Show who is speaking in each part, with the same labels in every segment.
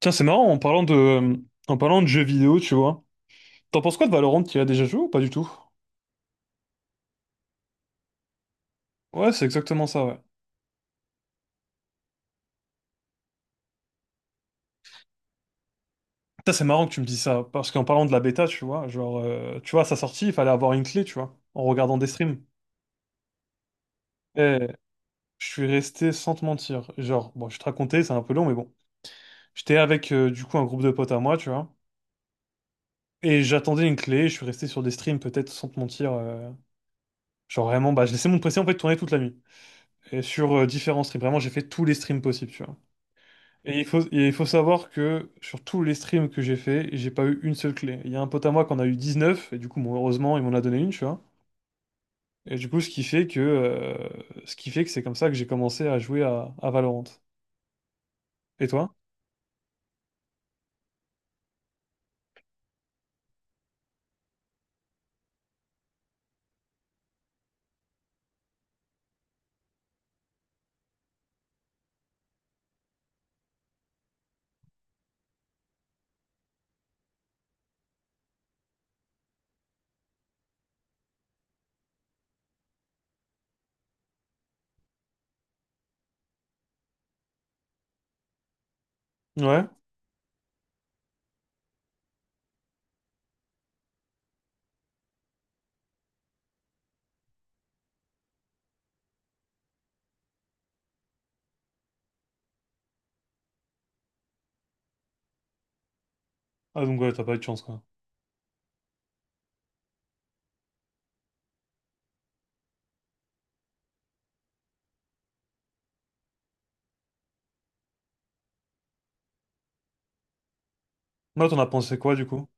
Speaker 1: Tiens, c'est marrant, en parlant de jeux vidéo, tu vois. T'en penses quoi de Valorant? Tu y as déjà joué ou pas du tout? Ouais, c'est exactement ça, ouais. Putain, c'est marrant que tu me dis ça, parce qu'en parlant de la bêta, tu vois, genre, tu vois, à sa sortie, il fallait avoir une clé, tu vois, en regardant des streams. Et je suis resté sans te mentir. Genre, bon, je vais te raconter, c'est un peu long, mais bon. J'étais avec, du coup, un groupe de potes à moi, tu vois, et j'attendais une clé, je suis resté sur des streams, peut-être, sans te mentir. Genre, vraiment, bah, je laissais mon PC, en fait, tourner toute la nuit. Et sur différents streams, vraiment, j'ai fait tous les streams possibles, tu vois. Et il faut savoir que sur tous les streams que j'ai fait, j'ai pas eu une seule clé. Il y a un pote à moi qu'on a eu 19 et du coup, bon, heureusement, il m'en a donné une, tu vois. Et du coup, ce qui fait que, ce qui fait que c'est comme ça que j'ai commencé à jouer à Valorant. Et toi? Ouais? Ah, donc ouais, t'as pas eu de chance, quoi. Là, t'en as pensé quoi, du coup?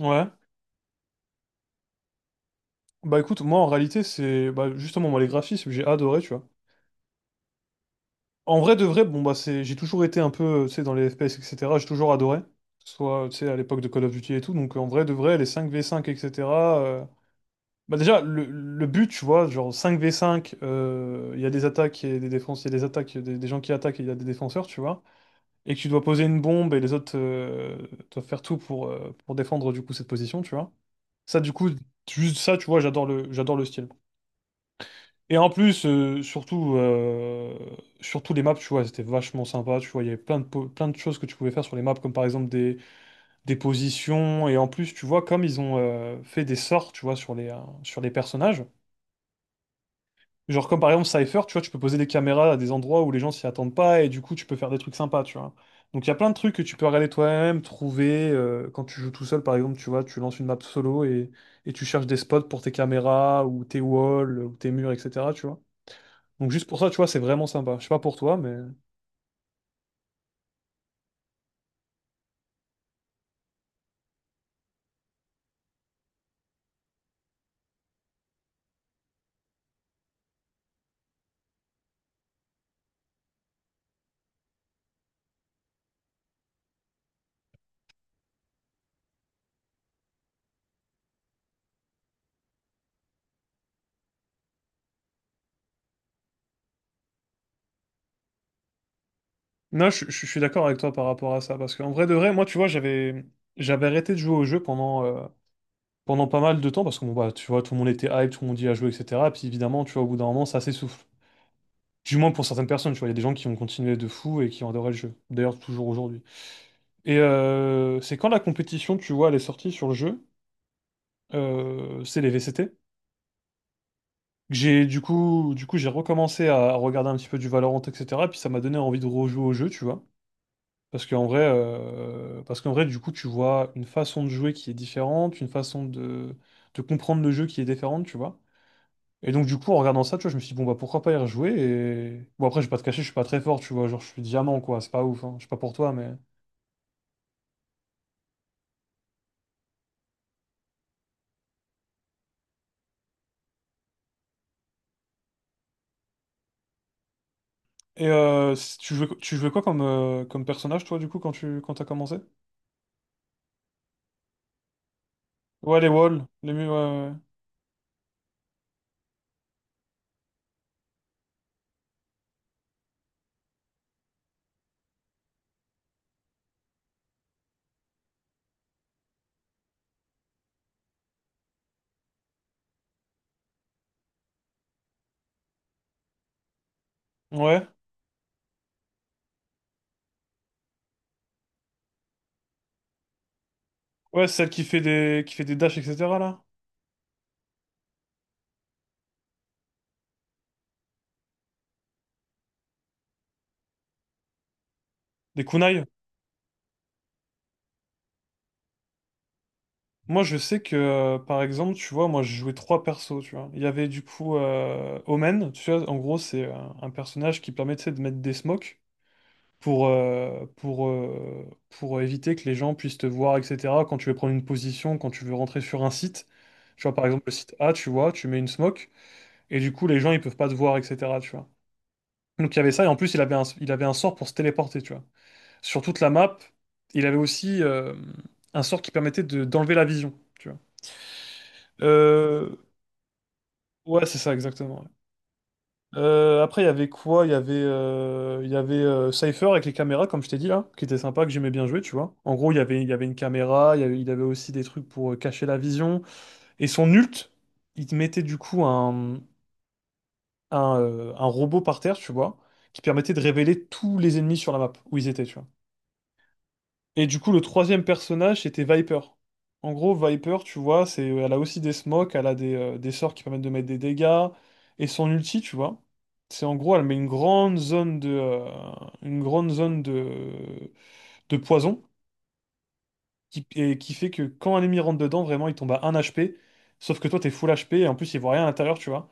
Speaker 1: Ouais. Bah écoute, moi, en réalité, c'est bah, justement, moi, les graphismes, j'ai adoré, tu vois. En vrai de vrai, bon bah c'est, j'ai toujours été un peu, tu sais, dans les FPS, etc. J'ai toujours adoré, que ce soit, tu sais, à l'époque de Call of Duty et tout. Donc en vrai de vrai, les 5v5, etc. euh, Bah déjà, le but, tu vois, genre 5v5, il y a des attaques et des défenses, il y a des attaques, il y a des gens qui attaquent et il y a des défenseurs, tu vois. Et que tu dois poser une bombe et les autres doivent faire tout pour défendre du coup cette position, tu vois. Ça, du coup, juste ça, tu vois, j'adore le style. Et en plus, surtout les maps, tu vois, c'était vachement sympa, tu vois, il y avait plein de choses que tu pouvais faire sur les maps, comme par exemple des positions, et en plus, tu vois, comme ils ont fait des sorts, tu vois, sur les personnages, genre comme par exemple Cypher, tu vois, tu peux poser des caméras à des endroits où les gens s'y attendent pas, et du coup, tu peux faire des trucs sympas, tu vois. Donc il y a plein de trucs que tu peux regarder toi-même, trouver, quand tu joues tout seul, par exemple, tu vois, tu lances une map solo, et tu cherches des spots pour tes caméras, ou tes walls, ou tes murs, etc., tu vois. Donc juste pour ça, tu vois, c'est vraiment sympa. Je sais pas pour toi, mais. Non, je suis d'accord avec toi par rapport à ça, parce qu'en vrai de vrai, moi, tu vois, j'avais arrêté de jouer au jeu pendant pas mal de temps, parce que, bon, bah, tu vois, tout le monde était hype, tout le monde y a joué, etc. Et puis évidemment, tu vois, au bout d'un moment, ça s'essouffle. Du moins pour certaines personnes, tu vois, il y a des gens qui ont continué de fou et qui ont adoré le jeu. D'ailleurs, toujours aujourd'hui. C'est quand la compétition, tu vois, elle est sortie sur le jeu, c'est les VCT. Que J'ai du coup, j'ai recommencé à regarder un petit peu du Valorant, etc. Puis ça m'a donné envie de rejouer au jeu, tu vois. Parce qu'en vrai, du coup, tu vois une façon de jouer qui est différente, une façon de comprendre le jeu qui est différente, tu vois. Et donc, du coup, en regardant ça, tu vois, je me suis dit, bon, bah, pourquoi pas y rejouer? Et bon, après, je vais pas te cacher, je suis pas très fort, tu vois. Genre, je suis diamant, quoi. C'est pas ouf, hein. Je sais pas pour toi, mais. Tu jouais quoi comme personnage, toi, du coup, quand t'as commencé? Ouais, les walls, les murs, ouais. Ouais, ouais. Ouais, celle qui fait des dashs, etc., là. Des kunai. Moi, je sais que, par exemple, tu vois, moi, je jouais trois persos, tu vois. Il y avait du coup Omen, tu vois, en gros, c'est un personnage qui permet, tu sais, de mettre des smokes pour éviter que les gens puissent te voir, etc. Quand tu veux prendre une position, quand tu veux rentrer sur un site, tu vois, par exemple, le site A, tu vois, tu mets une smoke, et du coup, les gens, ils peuvent pas te voir, etc., tu vois. Donc, il y avait ça, et en plus, il avait un sort pour se téléporter, tu vois. Sur toute la map, il avait aussi un sort qui permettait de, d'enlever la vision, tu vois. Euh, Ouais, c'est ça, exactement, ouais. Après, il y avait quoi? Il y avait Cypher avec les caméras, comme je t'ai dit là, qui était sympa, que j'aimais bien jouer, tu vois. En gros, il y avait une caméra, il avait aussi des trucs pour cacher la vision. Et son ult, il te mettait du coup un robot par terre, tu vois, qui permettait de révéler tous les ennemis sur la map, où ils étaient, tu vois. Et du coup, le troisième personnage, c'était Viper. En gros, Viper, tu vois, c'est, elle a aussi des smokes, elle a des sorts qui permettent de mettre des dégâts. Et son ulti, tu vois, c'est en gros, elle met une grande zone de poison et qui fait que quand un ennemi rentre dedans, vraiment, il tombe à 1 HP. Sauf que toi, t'es full HP et en plus, il voit rien à l'intérieur, tu vois.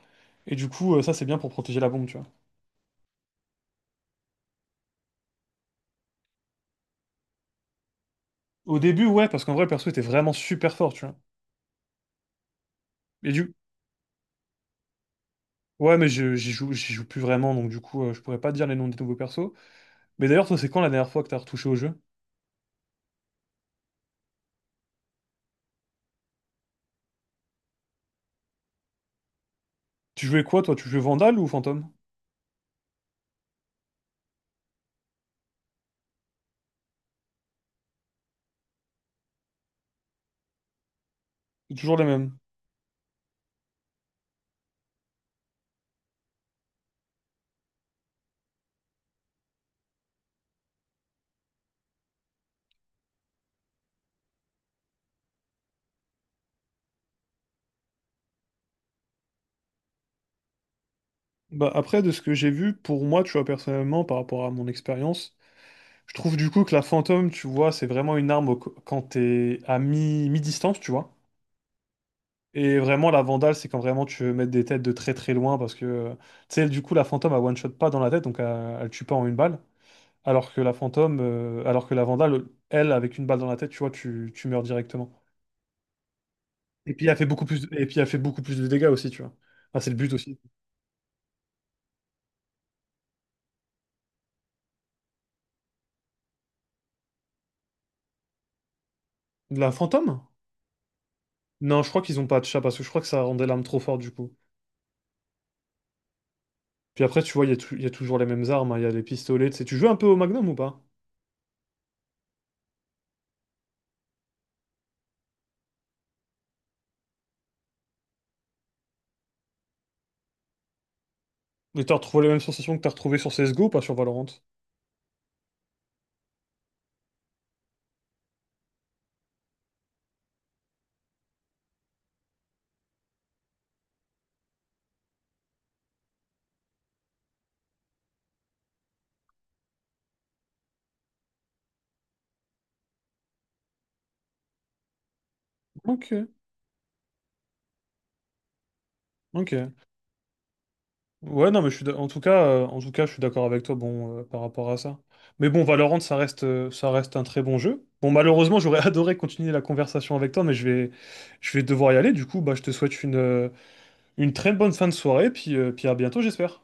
Speaker 1: Et du coup, ça, c'est bien pour protéger la bombe, tu vois. Au début, ouais, parce qu'en vrai, le perso était vraiment super fort, tu vois. Et du, Ouais, mais j'y joue plus vraiment, donc du coup, je pourrais pas te dire les noms des nouveaux persos. Mais d'ailleurs, toi, c'est quand la dernière fois que t'as retouché au jeu? Tu jouais quoi, toi? Tu jouais Vandal ou Fantôme? C'est toujours les mêmes. Bah, après, de ce que j'ai vu, pour moi, tu vois, personnellement, par rapport à mon expérience, je trouve du coup que la Fantôme, tu vois, c'est vraiment une arme quand t'es à mi-distance, tu vois. Et vraiment, la Vandal, c'est quand vraiment tu veux mettre des têtes de très très loin, parce que, tu sais, du coup, la Fantôme, elle one-shot pas dans la tête, donc elle tue pas en une balle. Alors que la Vandale, elle, avec une balle dans la tête, tu vois, tu meurs directement. Et puis elle fait beaucoup plus, et puis elle fait beaucoup plus de dégâts aussi, tu vois. Ah, c'est le but aussi. De la fantôme? Non, je crois qu'ils ont pas de chat parce que je crois que ça rendait l'arme trop forte du coup. Puis après, tu vois, il y a toujours les mêmes armes, hein, il y a les pistolets, tu sais. Tu joues un peu au Magnum ou pas? Et t'as retrouvé les mêmes sensations que t'as retrouvées sur CSGO, pas sur Valorant? Ok, ok. Ouais, non, mais je suis en tout cas, je suis d'accord avec toi, bon, par rapport à ça. Mais bon, Valorant, ça reste un très bon jeu. Bon, malheureusement, j'aurais adoré continuer la conversation avec toi, mais je vais devoir y aller. Du coup, bah, je te souhaite une très bonne fin de soirée, puis à bientôt, j'espère.